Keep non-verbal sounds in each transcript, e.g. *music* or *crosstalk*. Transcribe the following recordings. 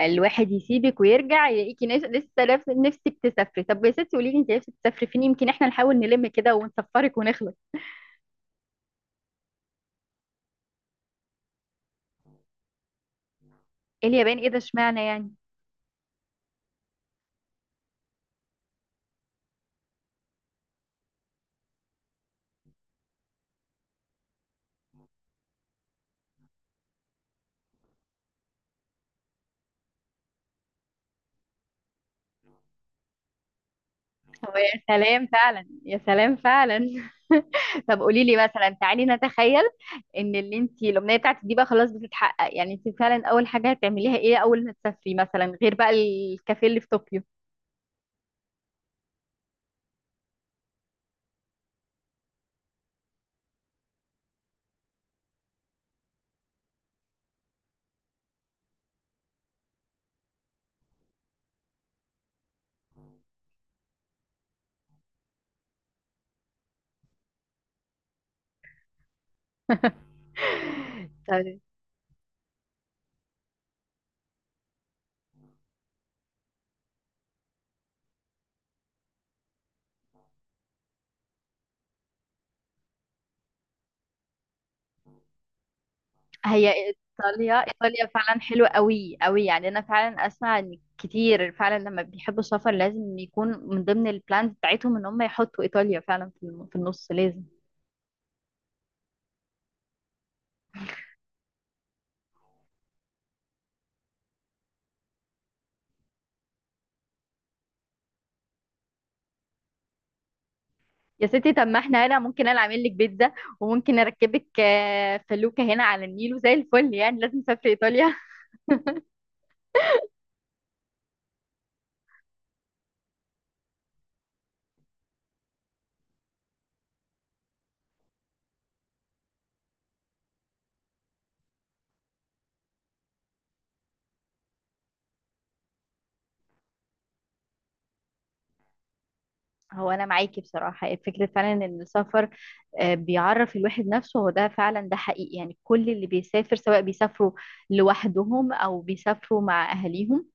الواحد يسيبك ويرجع يلاقيكي نفسك تسافري. طب يا ستي، قولي لي انت نفسك تسافري فين؟ يمكن احنا نحاول نلم كده ونسفرك ونخلص. إيه اليابان؟ ايه ده؟ اشمعنى يعني؟ هو يا سلام فعلا، يا سلام فعلا. *laughs* طب قولي لي مثلا، تعالي نتخيل ان اللي انت الامنيه بتاعتك دي بقى خلاص بتتحقق، يعني انت فعلا اول حاجه هتعمليها ايه اول ما تسافري، مثلا غير بقى الكافيه اللي في طوكيو. *laughs* طب هي ايطاليا، ايطاليا فعلا حلوه قوي قوي، يعني انا فعلا اسمع ان كتير فعلا لما بيحبوا السفر لازم يكون من ضمن البلانز بتاعتهم ان هم يحطوا ايطاليا فعلا في النص لازم. يا ستي، طب ما احنا هنا ممكن انا اعمل لك بيتزا، وممكن اركبك فلوكه هنا على النيل وزي الفل، يعني لازم نسافر ايطاليا. *laughs* هو انا معاكي بصراحه فكره فعلا ان السفر بيعرف الواحد نفسه، هو ده فعلا، ده حقيقي، يعني كل اللي بيسافر سواء بيسافروا لوحدهم او بيسافروا مع اهاليهم،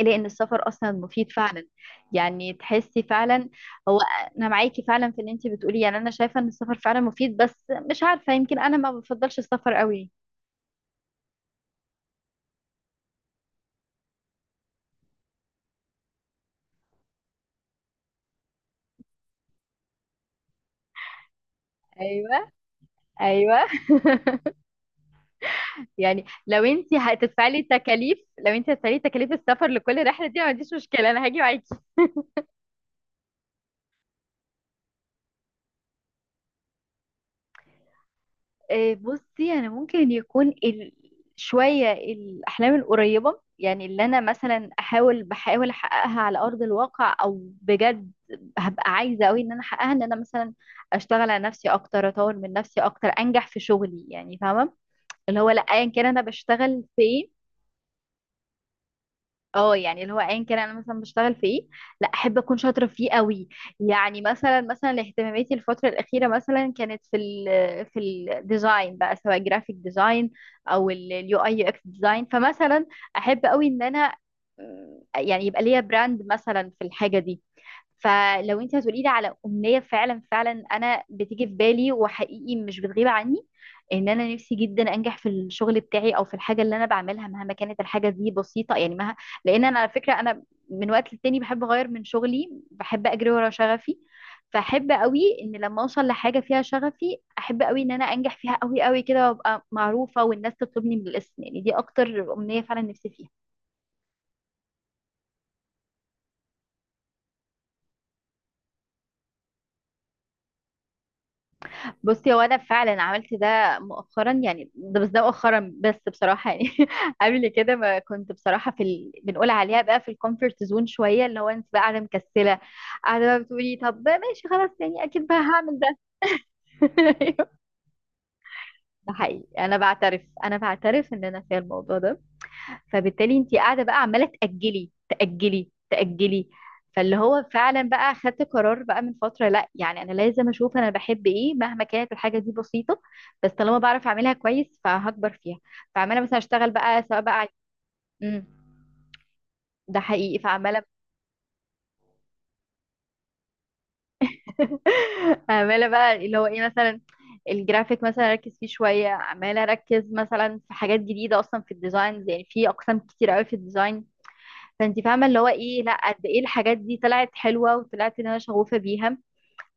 لان السفر اصلا مفيد فعلا، يعني تحسي فعلا. هو انا معاكي فعلا في اللي انت بتقوليه، يعني انا شايفه ان السفر فعلا مفيد، بس مش عارفه، يمكن انا ما بفضلش السفر قوي. ايوه، ايوه. *laughs* يعني لو انت هتدفعي لي تكاليف، لو انت هتدفعي لي تكاليف السفر لكل رحله دي أنا ما عنديش مشكله، انا هاجي معاكي. بصي، انا ممكن يكون شويه الاحلام القريبه، يعني اللي انا مثلا بحاول احققها على ارض الواقع، او بجد هبقى عايزه قوي ان انا احققها، ان انا مثلا اشتغل على نفسي اكتر، اطور من نفسي اكتر، انجح في شغلي، يعني فاهمه اللي هو، لا ايا كان انا بشتغل فين. اه يعني اللي هو ايا كان انا مثلا بشتغل في ايه، لا احب اكون شاطره فيه قوي، يعني مثلا اهتماماتي الفتره الاخيره مثلا كانت في الديزاين بقى، سواء جرافيك ديزاين او اليو اي يو اكس ديزاين. فمثلا احب قوي ان انا يعني يبقى ليا براند مثلا في الحاجه دي. فلو انت هتقولي لي على امنيه فعلا، فعلا انا بتيجي في بالي وحقيقي مش بتغيب عني، ان انا نفسي جدا انجح في الشغل بتاعي، او في الحاجه اللي انا بعملها، مهما كانت الحاجه دي بسيطه، يعني لان انا على فكره انا من وقت للتاني بحب اغير من شغلي، بحب اجري ورا شغفي. فاحب قوي ان لما اوصل لحاجه فيها شغفي احب قوي ان انا انجح فيها قوي قوي كده، وابقى معروفه والناس تطلبني بالاسم، يعني دي اكتر امنيه فعلا نفسي فيها. بصي، هو انا فعلا عملت ده مؤخرا، يعني ده بس، ده مؤخرا بس بصراحه يعني. *laughs* قبل كده ما كنت بصراحه بنقول عليها بقى في الكومفورت زون شويه، اللي هو انت بقى قاعده مكسله، قاعده بقى بتقولي طب بقى ماشي خلاص، يعني اكيد بقى هعمل ده. *laughs* أيوه. ده حقيقي، انا بعترف، انا بعترف ان انا فيها الموضوع ده. فبالتالي انت قاعده بقى عماله تاجلي تاجلي. فاللي هو فعلا بقى خدت قرار بقى من فتره، لا يعني انا لازم اشوف انا بحب ايه مهما كانت الحاجه دي بسيطه، بس طالما بعرف اعملها كويس فهكبر فيها. فعماله مثلا اشتغل بقى، سواء بقى. امم، ده حقيقي فعماله. *laughs* عماله بقى اللي هو ايه، مثلا الجرافيك مثلا اركز فيه شويه، عماله اركز مثلا في حاجات جديده اصلا في الديزاين، يعني في اقسام كتير قوي في الديزاين. فانت فاهمه اللي هو ايه، لا قد ايه الحاجات دي طلعت حلوه، وطلعت ان انا شغوفه بيها.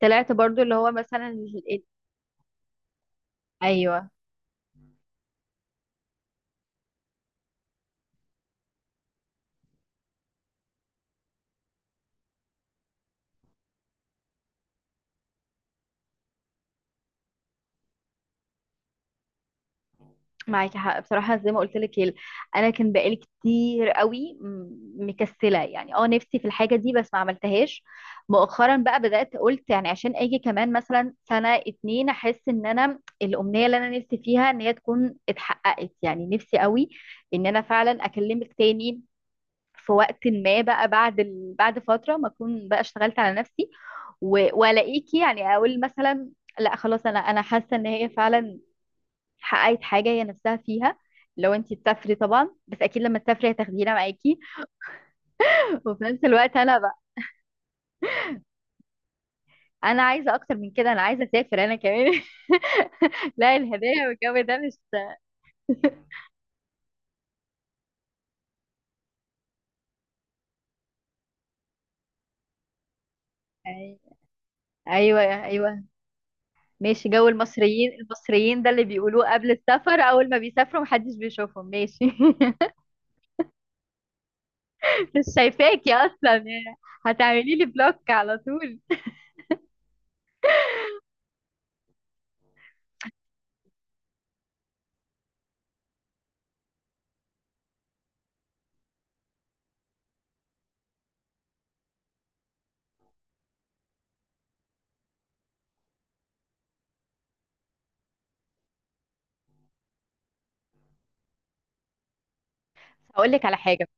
طلعت برضو اللي هو ايوه. معاكي حق بصراحه، زي ما قلت لك انا كان بقالي كتير قوي مكسله، يعني اه نفسي في الحاجه دي بس ما عملتهاش. مؤخرا بقى بدات، قلت يعني عشان اجي كمان مثلا سنه اتنين احس ان انا الامنيه اللي انا نفسي فيها ان هي تكون اتحققت، يعني نفسي قوي ان انا فعلا اكلمك تاني في وقت ما بقى بعد بعد فترة ما اكون بقى اشتغلت على نفسي والاقيكي، يعني اقول مثلا لا خلاص، انا حاسة ان هي فعلا حققت حاجة هي نفسها فيها. لو انتي تسافري طبعا، بس اكيد لما تسافري هتاخدينا معاكي. *laughs* وفي نفس الوقت انا بقى انا عايزة اكتر من كده، انا عايزة اسافر انا كمان. *laughs* لا، الهدايا والجو ده مش. *laughs* أي- ايوه، ايوه. ماشي، جو المصريين، المصريين ده اللي بيقولوه قبل السفر، اول ما بيسافروا محدش بيشوفهم، ماشي. *laughs* مش شايفاكي اصلا يعني، هتعملي لي بلوك على طول. هقول لك على حاجه.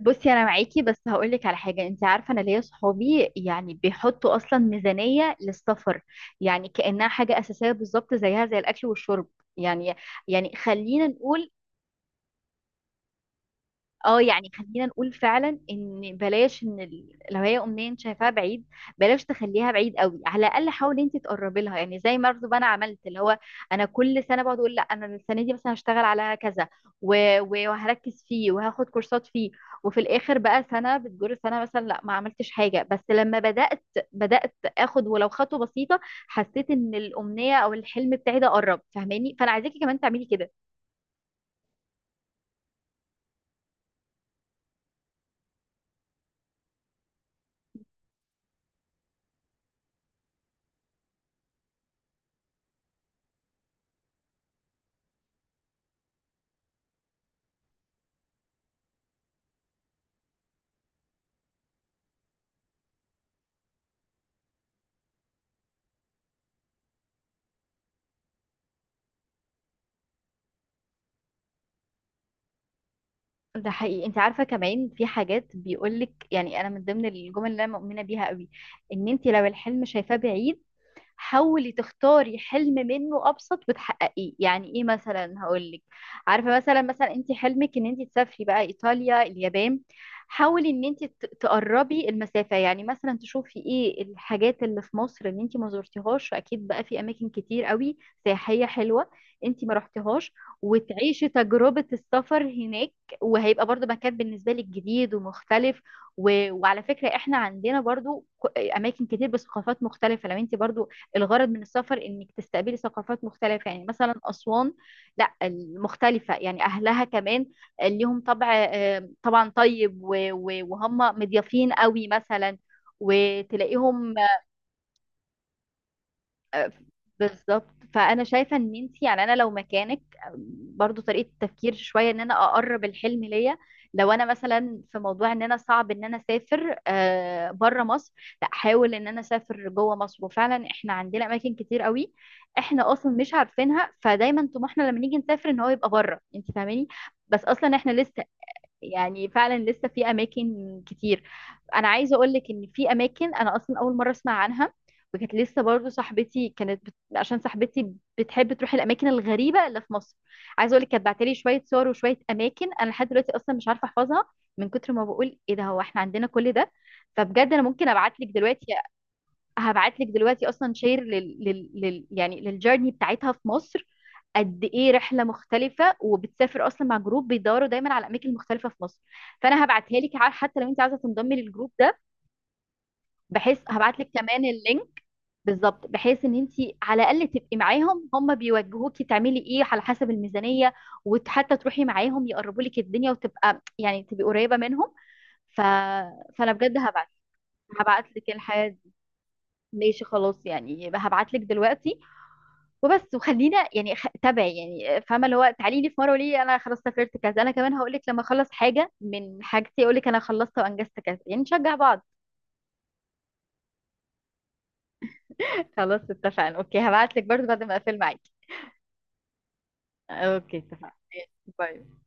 بصي انا معاكي، بس هقول لك على حاجه. انت عارفه انا ليا صحابي يعني بيحطوا اصلا ميزانيه للسفر، يعني كانها حاجه اساسيه بالظبط زيها زي الاكل والشرب. يعني، يعني خلينا نقول. اه يعني خلينا نقول فعلا ان بلاش ان لو هي امنيه انت شايفاها بعيد، بلاش تخليها بعيد قوي، على الاقل حاولي انت تقربي لها. يعني زي ما برضه انا عملت اللي هو، انا كل سنه بقعد اقول لا انا السنه دي مثلا هشتغل على كذا وهركز فيه وهاخد كورسات فيه، وفي الاخر بقى سنه بتجر سنه مثلا لا ما عملتش حاجه. بس لما بدات اخد ولو خطوه بسيطه، حسيت ان الامنيه او الحلم بتاعي ده قرب، فاهماني؟ فانا عايزاكي كمان تعملي كده. ده حقيقي، انت عارفه كمان في حاجات بيقولك، يعني انا من ضمن الجمل اللي انا مؤمنه بيها قوي ان انت لو الحلم شايفاه بعيد حاولي تختاري حلم منه ابسط وتحققيه. يعني ايه مثلا؟ هقول لك. عارفه مثلا، انت حلمك ان انت تسافري بقى ايطاليا اليابان، حاولي ان انت تقربي المسافه. يعني مثلا تشوفي ايه الحاجات اللي في مصر اللي انت ما زرتيهاش، اكيد بقى في اماكن كتير قوي سياحيه حلوه انت ما رحتيهاش، وتعيشي تجربه السفر هناك، وهيبقى برضو مكان بالنسبه لك جديد ومختلف. وعلى فكرة احنا عندنا برضو اماكن كتير بثقافات مختلفة. لو انت برضو الغرض من السفر انك تستقبلي ثقافات مختلفة، يعني مثلا أسوان، لا المختلفة يعني أهلها كمان ليهم طبع طبعا طيب، وهم مضيافين قوي مثلا، وتلاقيهم. آه، بالظبط. فانا شايفه ان انت، يعني انا لو مكانك آه، برضو طريقه التفكير شويه ان انا اقرب الحلم ليا. لو انا مثلا في موضوع ان انا صعب ان انا اسافر بره مصر، لا احاول ان انا اسافر جوه مصر، وفعلا احنا عندنا اماكن كتير قوي احنا اصلا مش عارفينها. فدايما طموحنا لما نيجي نسافر ان هو يبقى بره، انت فاهماني؟ بس اصلا احنا لسه، يعني فعلا لسه في اماكن كتير. انا عايزه اقول لك ان في اماكن انا اصلا اول مره اسمع عنها. وكانت لسه برضو صاحبتي كانت عشان صاحبتي بتحب تروح الاماكن الغريبه اللي في مصر، عايزه اقول لك كانت بعتلي شويه صور وشويه اماكن انا لحد دلوقتي اصلا مش عارفه احفظها، من كتر ما بقول ايه ده، هو احنا عندنا كل ده؟ فبجد انا ممكن ابعت لك دلوقتي، هبعت لك دلوقتي اصلا شير يعني للجيرني بتاعتها في مصر، قد ايه رحله مختلفه، وبتسافر اصلا مع جروب بيدوروا دايما على اماكن مختلفه في مصر. فانا هبعتها لك حتى لو انت عايزه تنضمي للجروب ده، بحيث هبعت لك كمان اللينك. بالظبط، بحيث ان انت على الاقل تبقي معاهم، هم بيوجهوكي تعملي ايه على حسب الميزانيه، وحتى تروحي معاهم يقربوا لك الدنيا، وتبقى يعني تبقي قريبه منهم. ف... فانا بجد هبعت لك الحاجات دي. ماشي خلاص، يعني هبعت لك دلوقتي وبس. وخلينا يعني تابع يعني، فاهمه اللي هو تعالي لي في مره وليه انا خلاص سافرت كذا، انا كمان هقول لك لما اخلص حاجه من حاجتي، اقول لك انا خلصت وانجزت كذا، يعني نشجع بعض. *laughs* خلاص اتفقنا. اوكي، هبعت لك برضه بعد ما اقفل معاكي. اوكي، اتفقنا. باي.